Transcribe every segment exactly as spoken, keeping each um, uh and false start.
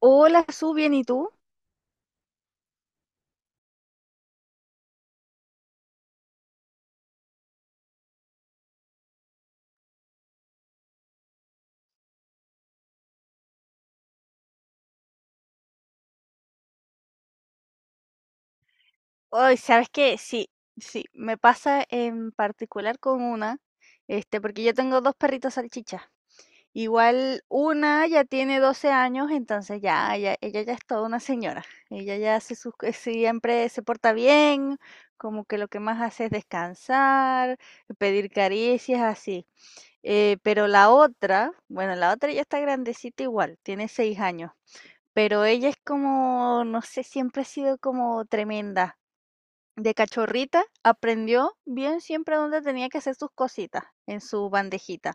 Hola, Su, bien, ¿y tú? Ay, ¿sabes qué? Sí, sí, me pasa en particular con una, este, porque yo tengo dos perritos salchichas. Igual una ya tiene doce años, entonces ya, ya- ella ya es toda una señora. Ella ya hace sus, eh, siempre se porta bien, como que lo que más hace es descansar, pedir caricias, así. Eh, pero la otra, bueno, la otra ya está grandecita igual, tiene seis años. Pero ella es como, no sé, siempre ha sido como tremenda. De cachorrita aprendió bien siempre dónde tenía que hacer sus cositas en su bandejita,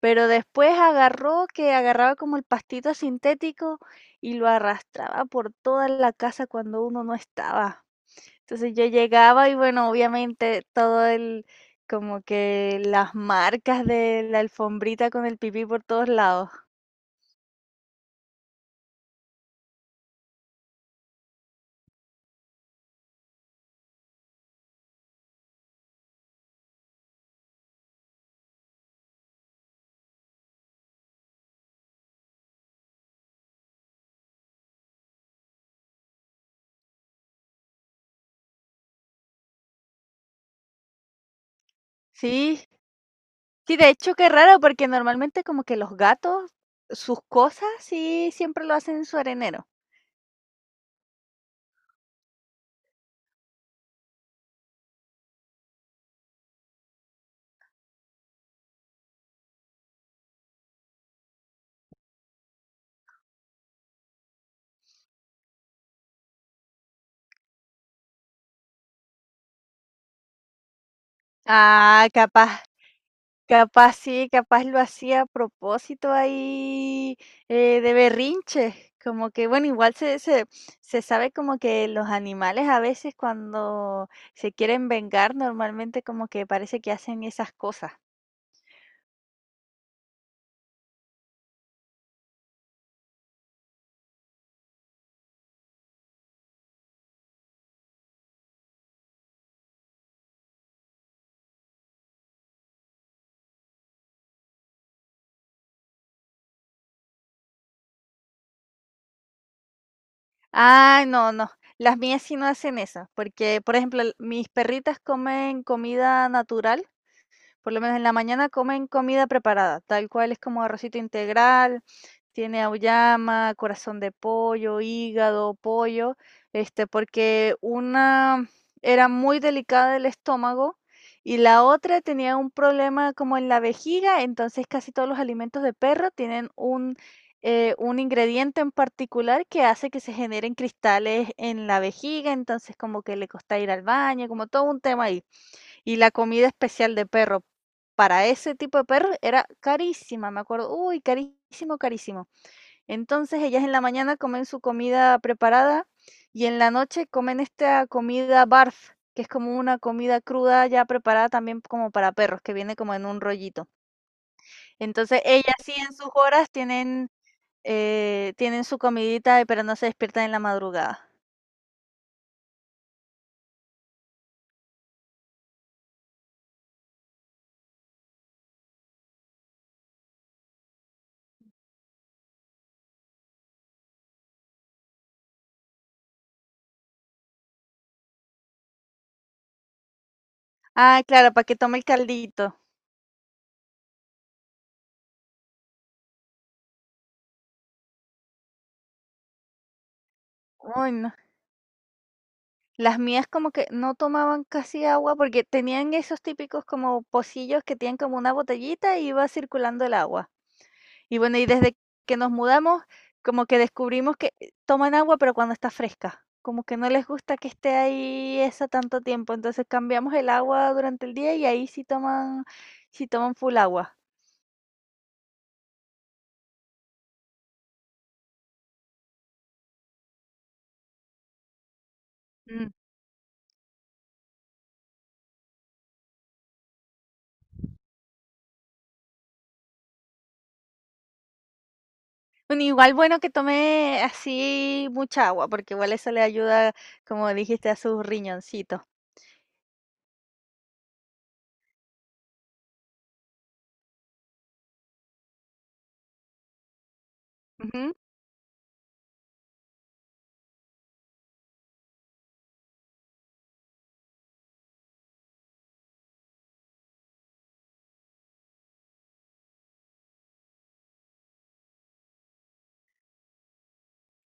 pero después agarró que agarraba como el pastito sintético y lo arrastraba por toda la casa cuando uno no estaba. Entonces yo llegaba y bueno, obviamente todo el, como que las marcas de la alfombrita con el pipí por todos lados. Sí, sí, de hecho, qué raro, porque normalmente como que los gatos, sus cosas, sí, siempre lo hacen en su arenero. Ah, capaz, capaz sí, capaz lo hacía a propósito ahí eh, de berrinche. Como que, bueno, igual se, se, se sabe como que los animales a veces cuando se quieren vengar, normalmente como que parece que hacen esas cosas. Ah, no, no. Las mías sí no hacen eso, porque, por ejemplo, l- mis perritas comen comida natural, por lo menos en la mañana comen comida preparada, tal cual es como arrocito integral, tiene auyama, corazón de pollo, hígado, pollo, este, porque una era muy delicada del estómago y la otra tenía un problema como en la vejiga, entonces casi todos los alimentos de perro tienen un, eh, un ingrediente en particular que hace que se generen cristales en la vejiga, entonces como que le costaba ir al baño, como todo un tema ahí. Y la comida especial de perro, para ese tipo de perro era carísima, me acuerdo. Uy, carísimo, carísimo. Entonces ellas en la mañana comen su comida preparada y en la noche comen esta comida barf, que es como una comida cruda ya preparada también como para perros, que viene como en un rollito. Entonces ellas sí en sus horas tienen, eh, tienen su comidita, pero no se despiertan en la madrugada. Ah, claro, para que tome el caldito. Uy, no. Las mías como que no tomaban casi agua porque tenían esos típicos como pocillos que tienen como una botellita y iba circulando el agua. Y bueno, y desde que nos mudamos, como que descubrimos que eh, toman agua, pero cuando está fresca. Como que no les gusta que esté ahí esa tanto tiempo. Entonces cambiamos el agua durante el día y ahí sí toman, sí toman full agua. Mm. Bueno, igual bueno que tome así mucha agua, porque igual eso le ayuda, como dijiste, a sus riñoncitos. Ujú.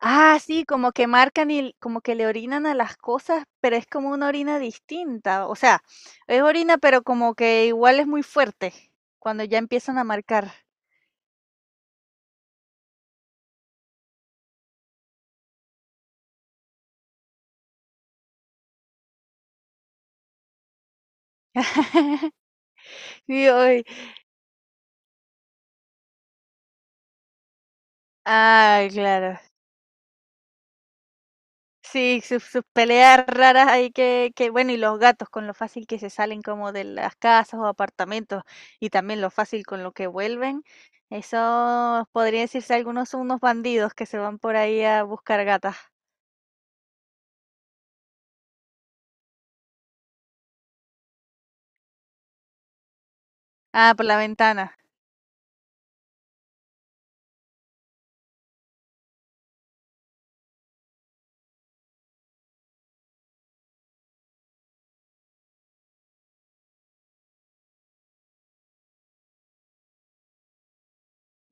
Ah, sí, como que marcan y como que le orinan a las cosas, pero es como una orina distinta. O sea, es orina, pero como que igual es muy fuerte cuando ya empiezan a marcar. Y hoy, ah, claro. Sí, sus, sus peleas raras ahí que, que, bueno, y los gatos con lo fácil que se salen como de las casas o apartamentos y también lo fácil con lo que vuelven. Eso podría decirse algunos son unos bandidos que se van por ahí a buscar gatas. Ah, por la ventana.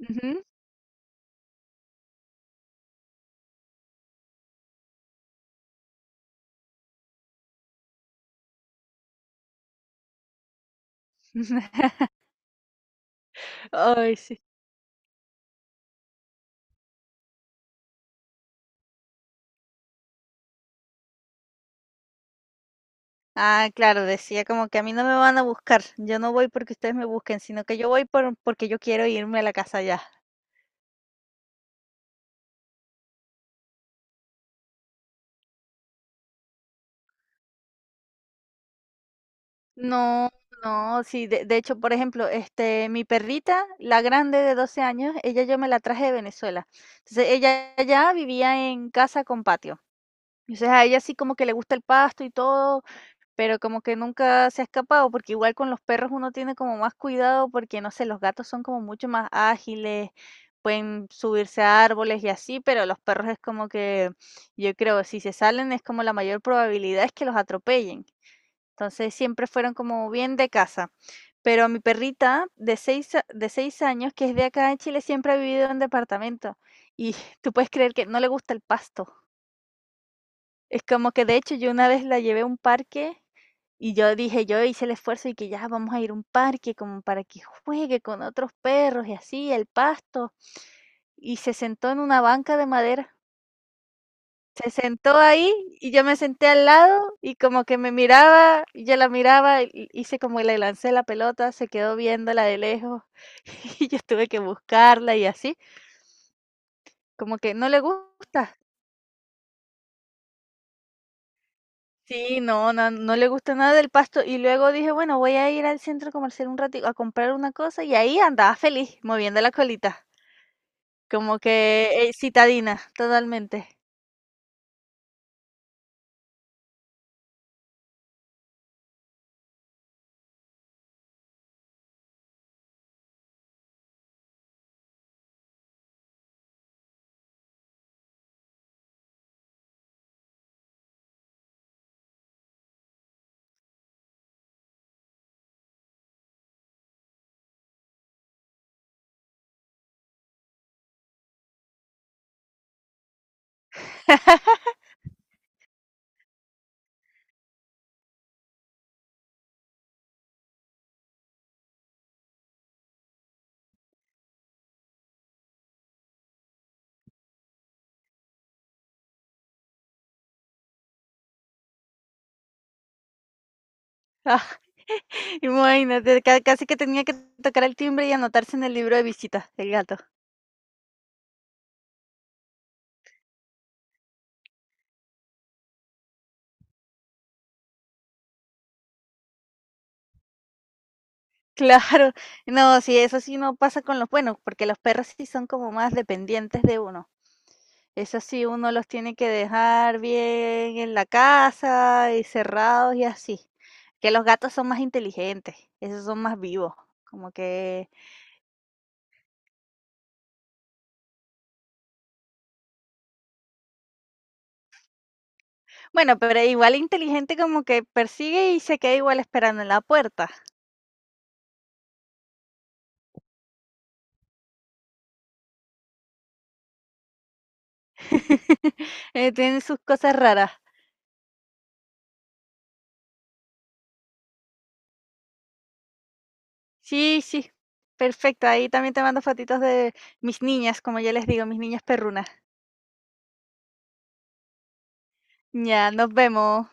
Ujú. Ay, sí. Ah, claro, decía como que a mí no me van a buscar, yo no voy porque ustedes me busquen, sino que yo voy por, porque yo quiero irme a la casa ya. No, no, sí, de, de hecho, por ejemplo, este, mi perrita, la grande de doce años, ella yo me la traje de Venezuela. Entonces, ella ya vivía en casa con patio. Entonces, a ella sí como que le gusta el pasto y todo, pero como que nunca se ha escapado, porque igual con los perros uno tiene como más cuidado, porque no sé, los gatos son como mucho más ágiles, pueden subirse a árboles y así, pero los perros es como que, yo creo, si se salen es como la mayor probabilidad es que los atropellen. Entonces siempre fueron como bien de casa. Pero mi perrita de seis, a- de seis años, que es de acá en Chile, siempre ha vivido en departamento. Y tú puedes creer que no le gusta el pasto. Es como que de hecho yo una vez la llevé a un parque y yo dije, yo hice el esfuerzo y que ya vamos a ir a un parque como para que juegue con otros perros y así, el pasto. Y se sentó en una banca de madera. Se sentó ahí y yo me senté al lado y como que me miraba y yo la miraba, y hice como que le lancé la pelota, se quedó viéndola de lejos y yo tuve que buscarla y así, como que no le gusta. Sí, no, no, no le gusta nada del pasto. Y luego dije, bueno, voy a ir al centro comercial un ratito a comprar una cosa y ahí andaba feliz, moviendo la colita, como que eh, citadina, totalmente. Ah, imagínate, ca- casi que tenía que tocar el timbre y anotarse en el libro de visitas, el gato. Claro, no, sí, eso sí no pasa con los buenos, porque los perros sí son como más dependientes de uno. Eso sí, uno los tiene que dejar bien en la casa y cerrados y así. Que los gatos son más inteligentes, esos son más vivos, como que, bueno, pero igual inteligente como que persigue y se queda igual esperando en la puerta. Eh, tienen sus cosas raras. Sí, sí, perfecto. Ahí también te mando fotitos de mis niñas, como yo les digo, mis niñas perrunas. Ya, nos vemos.